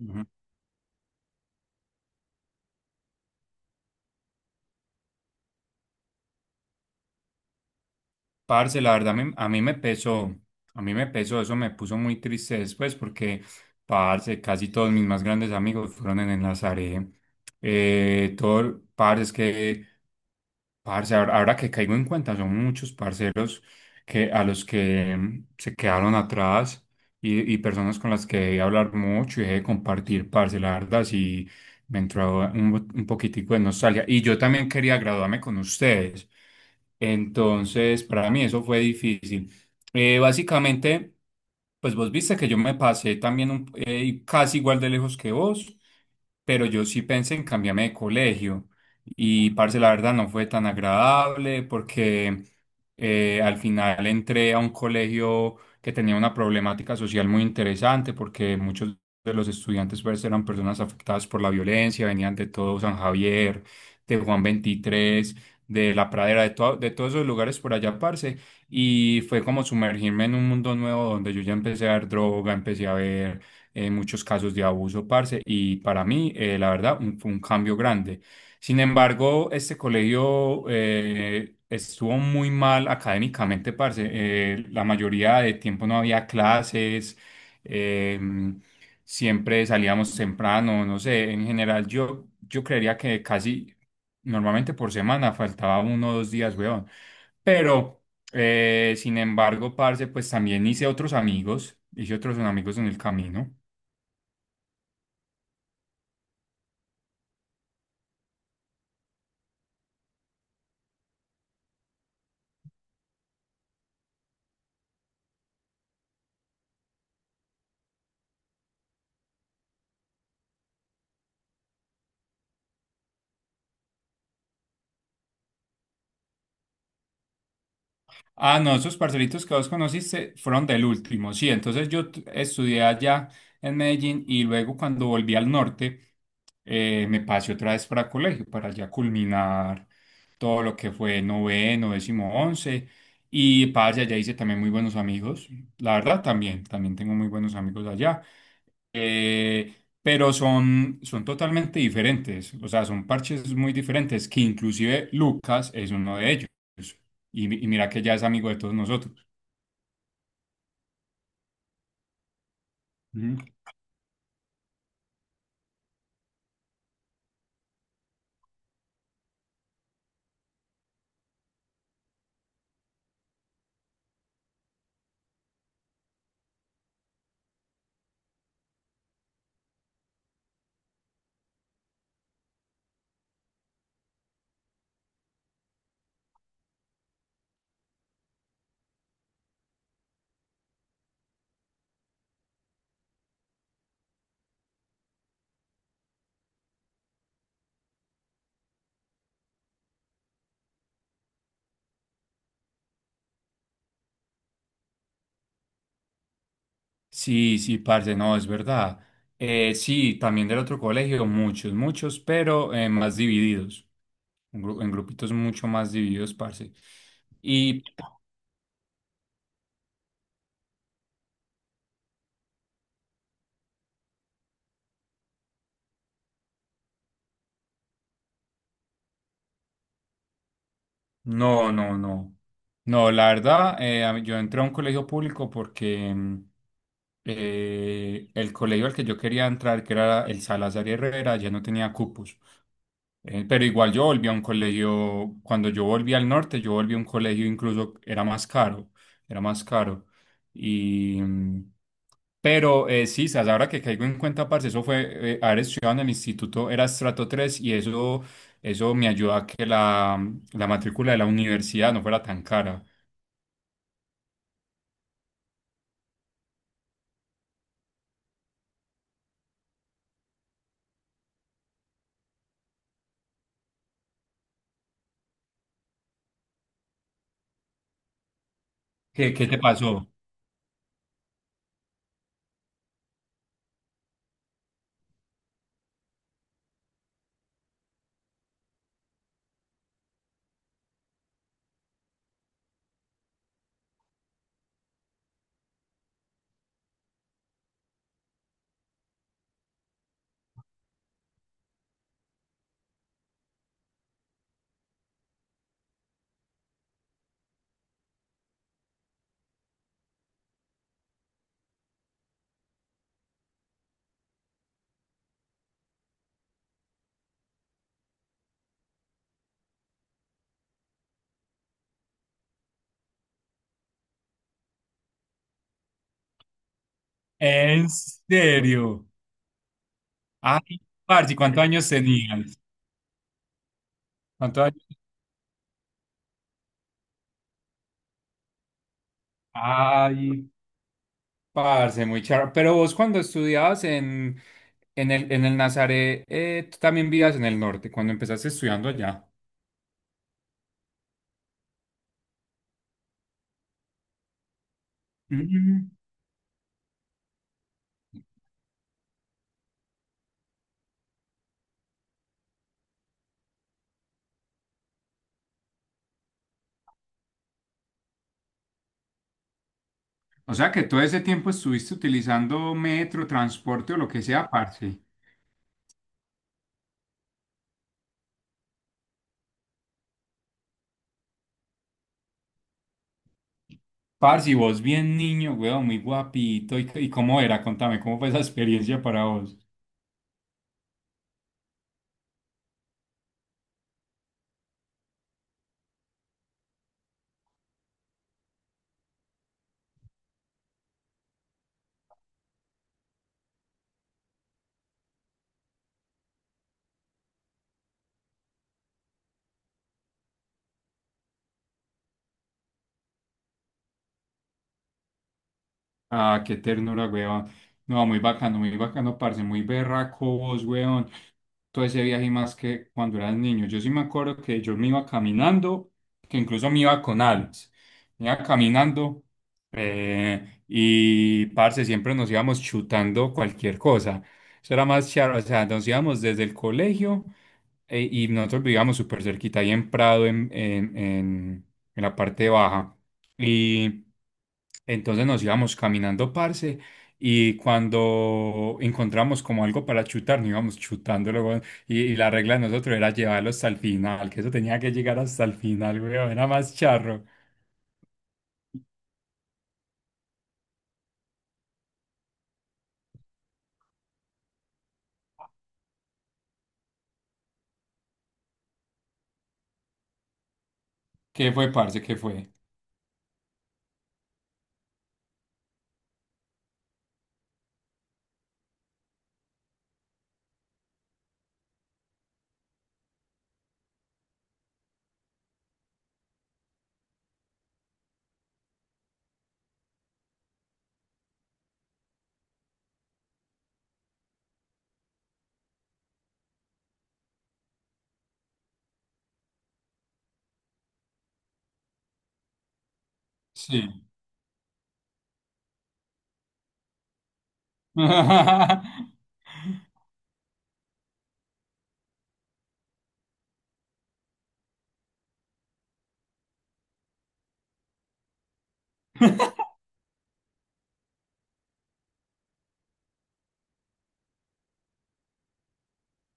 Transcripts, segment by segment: Ujú. Parce, la verdad a mí me pesó, a mí me pesó. Eso me puso muy triste después, parce, casi todos mis más grandes amigos fueron en Enlazaré. Todo, parce, es que, parce, ahora que caigo en cuenta, son muchos parceros que, a los que se quedaron atrás, y personas con las que dejé hablar mucho y dejé de compartir, parce, la verdad, sí me entró un poquitico de nostalgia. Y yo también quería graduarme con ustedes. Entonces, para mí eso fue difícil. Básicamente, pues vos viste que yo me pasé también casi igual de lejos que vos, pero yo sí pensé en cambiarme de colegio. Y, parce, la verdad no fue tan agradable porque al final entré a un colegio que tenía una problemática social muy interesante, porque muchos de los estudiantes pues eran personas afectadas por la violencia, venían de todo San Javier, de Juan 23, de La Pradera, de todos esos lugares por allá, parce. Y fue como sumergirme en un mundo nuevo donde yo ya empecé a ver droga, empecé a ver muchos casos de abuso, parce. Y para mí, la verdad, fue un cambio grande. Sin embargo, este colegio estuvo muy mal académicamente, parce. La mayoría de tiempo no había clases, eh, siempre salíamos temprano, no sé, en general yo creería que casi normalmente por semana faltaba uno o dos días, weón. Pero... Sin embargo, parce, pues también hice otros amigos en el camino. Ah, no, esos parcelitos que vos conociste fueron del último, sí. Entonces estudié allá en Medellín, y luego cuando volví al norte me pasé otra vez para colegio, para ya culminar todo lo que fue noveno, décimo, once. Y parce, allá hice también muy buenos amigos. La verdad también, también tengo muy buenos amigos allá. Eh, pero son totalmente diferentes, o sea, son parches muy diferentes, que inclusive Lucas es uno de ellos. Y, y mira que ya es amigo de todos nosotros. Ujú. Sí, sí, parce, no, es verdad. Sí, también del otro colegio, muchos, muchos, pero más divididos. En grupitos mucho más divididos, parce. Y no, no, no. No, la verdad, yo entré a un colegio público porque el colegio al que yo quería entrar, que era el Salazar y Herrera, ya no tenía cupos. Pero igual yo volví a un colegio, cuando yo volví al norte, yo volví a un colegio, incluso era más caro, era más caro. Y, mm, sí, sas, ahora que caigo en cuenta, parce, eso fue, haber estudiado en el instituto era estrato tres, y eso me ayudó a que la matrícula de la universidad no fuera tan cara. ¿Qué, qué te pasó? ¿En serio? Ay, parce, ¿cuántos años tenías? ¿Cuántos años? Ay, parce, muy charro. Pero vos cuando estudiabas en, en el Nazaret, tú también vivías en el norte, cuando empezaste estudiando allá. Mm. O sea que todo ese tiempo estuviste utilizando metro, transporte o lo que sea, parce. Parce, y vos bien niño, weón, muy guapito. Y cómo era? Contame, ¿cómo fue esa experiencia para vos? Ah, qué ternura, weón. No, muy bacano, parce, muy berraco vos, weón. Todo ese viaje y más que cuando eras niño. Yo sí me acuerdo que yo me iba caminando, que incluso me iba con Alex. Me iba caminando y, parce, siempre nos íbamos chutando cualquier cosa. Eso era más charro, o sea, nos íbamos desde el colegio y nosotros vivíamos súper cerquita ahí en Prado, en la parte baja. Y entonces nos íbamos caminando, parce. Y cuando encontramos como algo para chutar, nos íbamos chutando, y la regla de nosotros era llevarlo hasta el final, que eso tenía que llegar hasta el final, weón, era más charro. ¿Qué fue, parce? ¿Qué fue? Sí.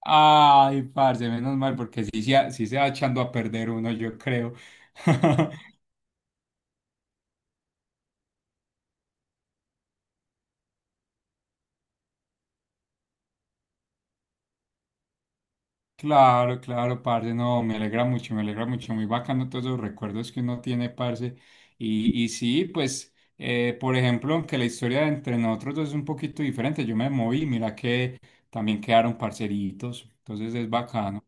Ay, parce, menos mal, porque sí, sí se va echando a perder uno, yo creo. Claro, claro, parce, no, me alegra mucho, muy bacano todos los recuerdos que uno tiene, parce. Y sí, pues, por ejemplo, aunque la historia entre nosotros dos es un poquito diferente, yo me moví, mira que también quedaron parceritos, entonces es bacano.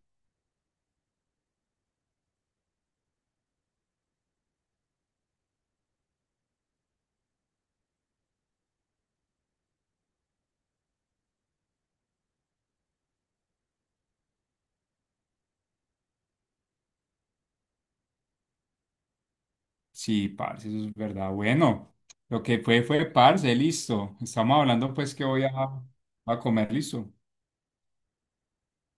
Sí, parce, eso es verdad. Bueno, lo que fue parce, listo. Estamos hablando pues que voy a comer, listo.